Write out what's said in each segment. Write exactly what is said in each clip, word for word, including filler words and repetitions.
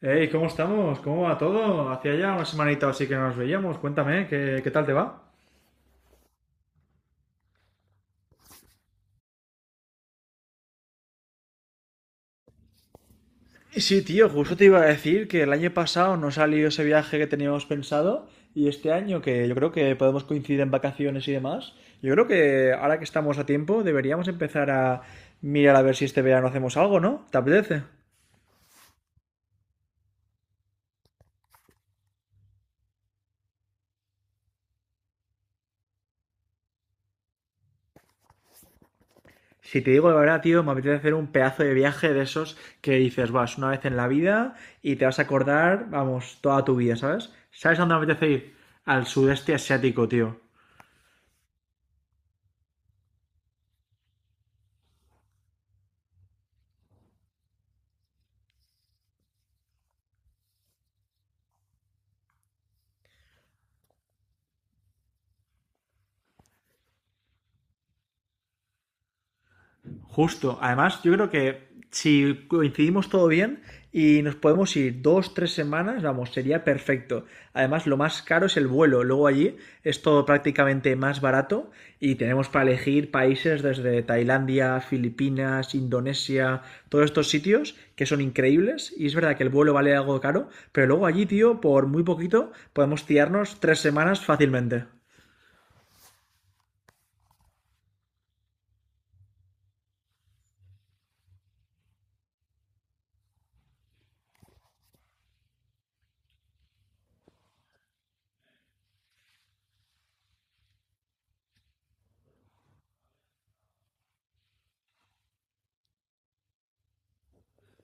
Hey, ¿cómo estamos? ¿Cómo va todo? Hacía ya una semanita o así que no nos veíamos. Cuéntame, ¿qué, qué tal te va? Sí, tío, justo te iba a decir que el año pasado no salió ese viaje que teníamos pensado y este año que yo creo que podemos coincidir en vacaciones y demás, yo creo que ahora que estamos a tiempo deberíamos empezar a mirar a ver si este verano hacemos algo, ¿no? ¿Te apetece? Si te digo la verdad, tío, me apetece hacer un pedazo de viaje de esos que dices, vas una vez en la vida y te vas a acordar, vamos, toda tu vida, ¿sabes? ¿Sabes a dónde me apetece ir? Al sudeste asiático, tío. Justo. Además, yo creo que si coincidimos todo bien y nos podemos ir dos, tres semanas, vamos, sería perfecto. Además, lo más caro es el vuelo. Luego allí es todo prácticamente más barato y tenemos para elegir países desde Tailandia, Filipinas, Indonesia, todos estos sitios que son increíbles. Y es verdad que el vuelo vale algo caro, pero luego allí, tío, por muy poquito podemos tirarnos tres semanas fácilmente.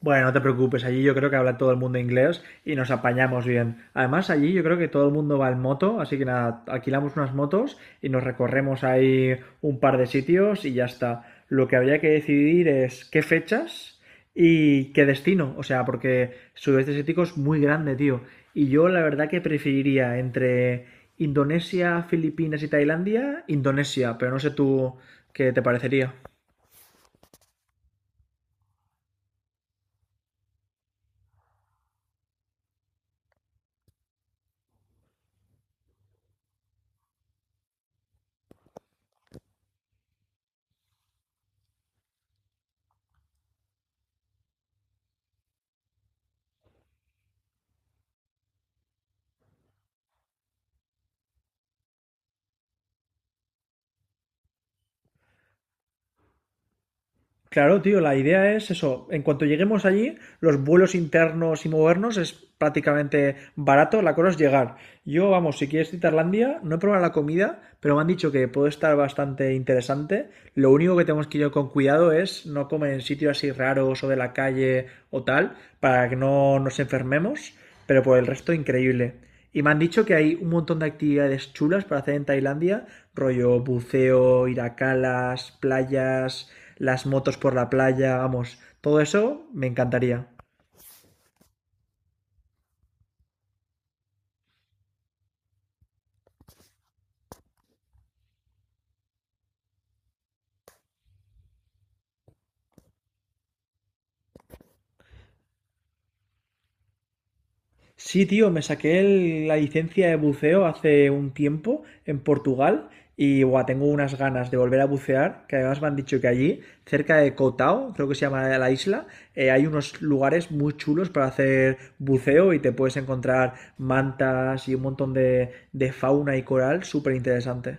Bueno, no te preocupes, allí yo creo que habla todo el mundo inglés y nos apañamos bien. Además, allí yo creo que todo el mundo va en moto, así que nada, alquilamos unas motos y nos recorremos ahí un par de sitios y ya está. Lo que habría que decidir es qué fechas y qué destino, o sea, porque sudeste asiático es muy grande, tío. Y yo la verdad que preferiría entre Indonesia, Filipinas y Tailandia, Indonesia, pero no sé tú qué te parecería. Claro, tío, la idea es eso. En cuanto lleguemos allí, los vuelos internos y movernos es prácticamente barato. La cosa es llegar. Yo, vamos, si quieres ir a Tailandia, no he probado la comida, pero me han dicho que puede estar bastante interesante. Lo único que tenemos que ir con cuidado es no comer en sitios así raros o de la calle o tal, para que no nos enfermemos. Pero por el resto, increíble. Y me han dicho que hay un montón de actividades chulas para hacer en Tailandia, rollo buceo, ir a calas, playas, las motos por la playa, vamos, todo eso me encantaría. Sí, tío, me saqué el- la licencia de buceo hace un tiempo en Portugal y buah, tengo unas ganas de volver a bucear, que además me han dicho que allí, cerca de Cotao, creo que se llama la isla, eh, hay unos lugares muy chulos para hacer buceo y te puedes encontrar mantas y un montón de, de fauna y coral súper interesante.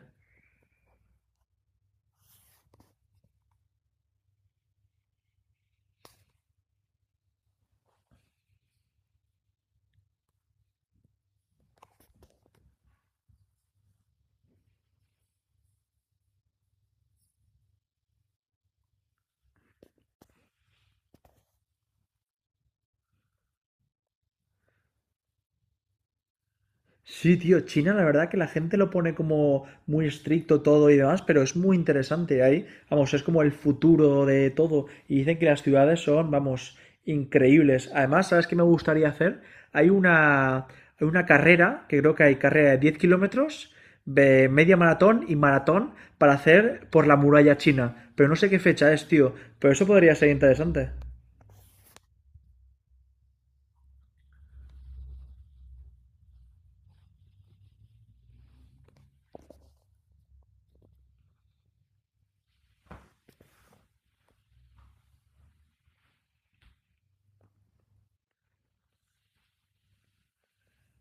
Sí, tío, China, la verdad que la gente lo pone como muy estricto todo y demás, pero es muy interesante ahí. Vamos, es como el futuro de todo. Y dicen que las ciudades son, vamos, increíbles. Además, ¿sabes qué me gustaría hacer? Hay una, hay una carrera, que creo que hay carrera de diez kilómetros, de media maratón y maratón para hacer por la muralla china. Pero no sé qué fecha es, tío. Pero eso podría ser interesante.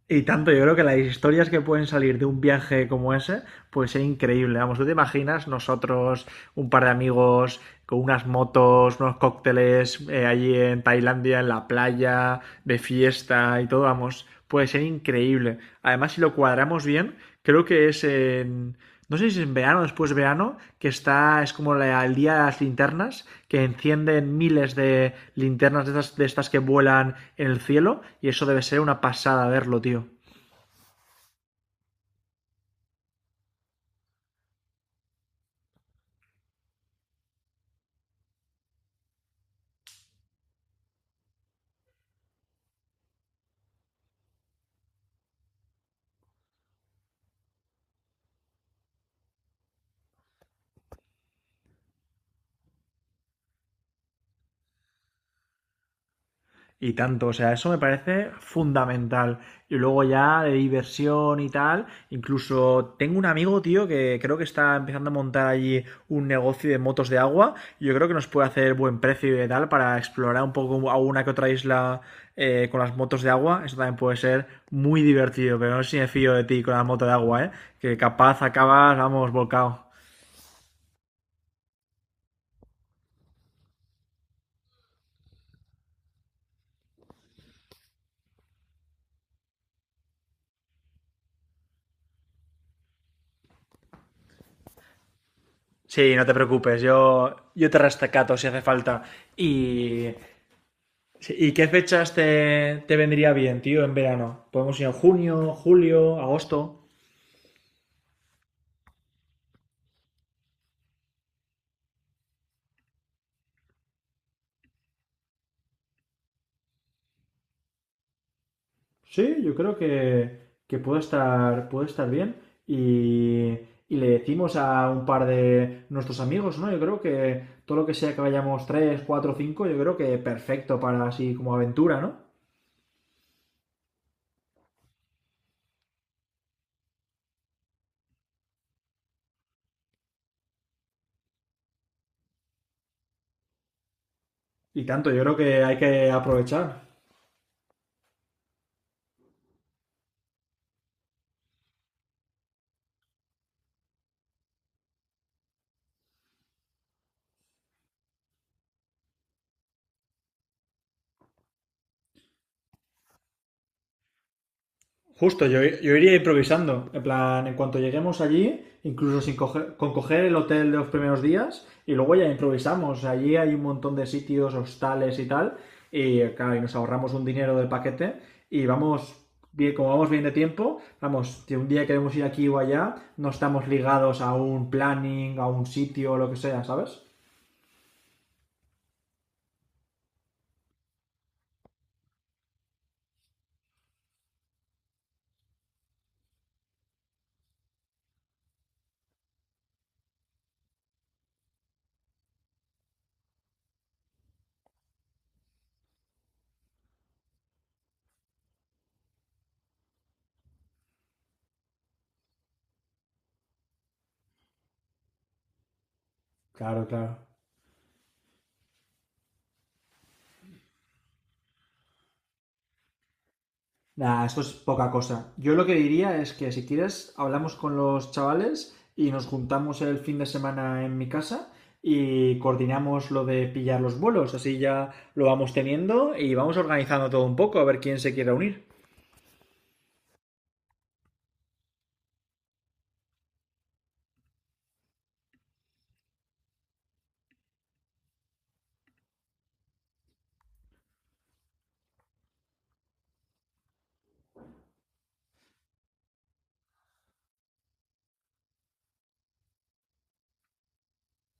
Y tanto, yo creo que las historias que pueden salir de un viaje como ese puede ser increíble. Vamos, ¿tú te imaginas nosotros, un par de amigos, con unas motos, unos cócteles eh, allí en Tailandia, en la playa, de fiesta y todo? Vamos, puede ser increíble. Además, si lo cuadramos bien, creo que es en, no sé si es en verano o después de verano, que está, es como la- el día de las linternas, que encienden miles de linternas de estas, de estas que vuelan en el cielo, y eso debe ser una pasada verlo, tío. Y tanto, o sea, eso me parece fundamental. Y luego ya de diversión y tal, incluso tengo un amigo, tío, que creo que está empezando a montar allí un negocio de motos de agua. y Yo creo que nos puede hacer buen precio y tal para explorar un poco alguna que otra isla eh, con las motos de agua. Eso también puede ser muy divertido, pero no sé si me fío de ti con la moto de agua, ¿eh? Que capaz acabas, vamos, volcado. Sí, no te preocupes, yo, yo te rescato si hace falta. Y Sí, ¿y qué fechas te, te vendría bien, tío, en verano? ¿Podemos ir en junio, julio, agosto? Sí, yo creo que, que puede estar, puede estar bien. Y, y le decimos a un par de nuestros amigos, ¿no? Yo creo que todo lo que sea que vayamos tres cuatro cinco yo creo que perfecto para así como aventura, ¿no? Y tanto, yo creo que hay que aprovechar. Justo, yo, yo iría improvisando. En plan, en cuanto lleguemos allí, incluso sin coger, con coger el hotel de los primeros días, y luego ya improvisamos. Allí hay un montón de sitios, hostales y tal, y claro, y nos ahorramos un dinero del paquete, y vamos, bien, como vamos bien de tiempo, vamos, si un día queremos ir aquí o allá, no estamos ligados a un planning, a un sitio o lo que sea, ¿sabes? Claro, claro. Nah, eso es poca cosa. Yo lo que diría es que si quieres, hablamos con los chavales y nos juntamos el fin de semana en mi casa y coordinamos lo de pillar los vuelos. Así ya lo vamos teniendo y vamos organizando todo un poco a ver quién se quiere unir.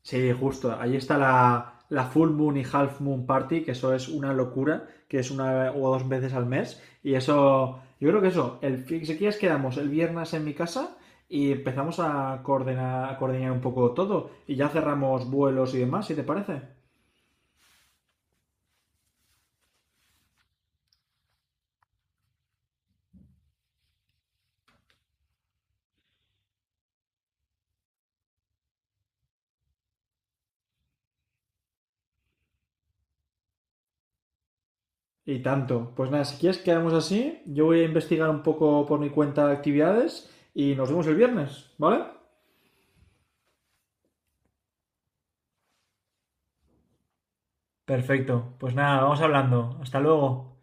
Sí, justo. Ahí está la, la Full Moon y Half Moon Party, que eso es una locura, que es una o dos veces al mes. Y eso, yo creo que eso, el, fi- si quieres quedamos el viernes en mi casa y empezamos a coordinar, a coordinar un poco todo. Y ya cerramos vuelos y demás, si te parece. Y tanto. Pues nada, si quieres quedamos así, yo voy a investigar un poco por mi cuenta actividades y nos vemos el viernes, ¿vale? Perfecto. Pues nada, vamos hablando. Hasta luego.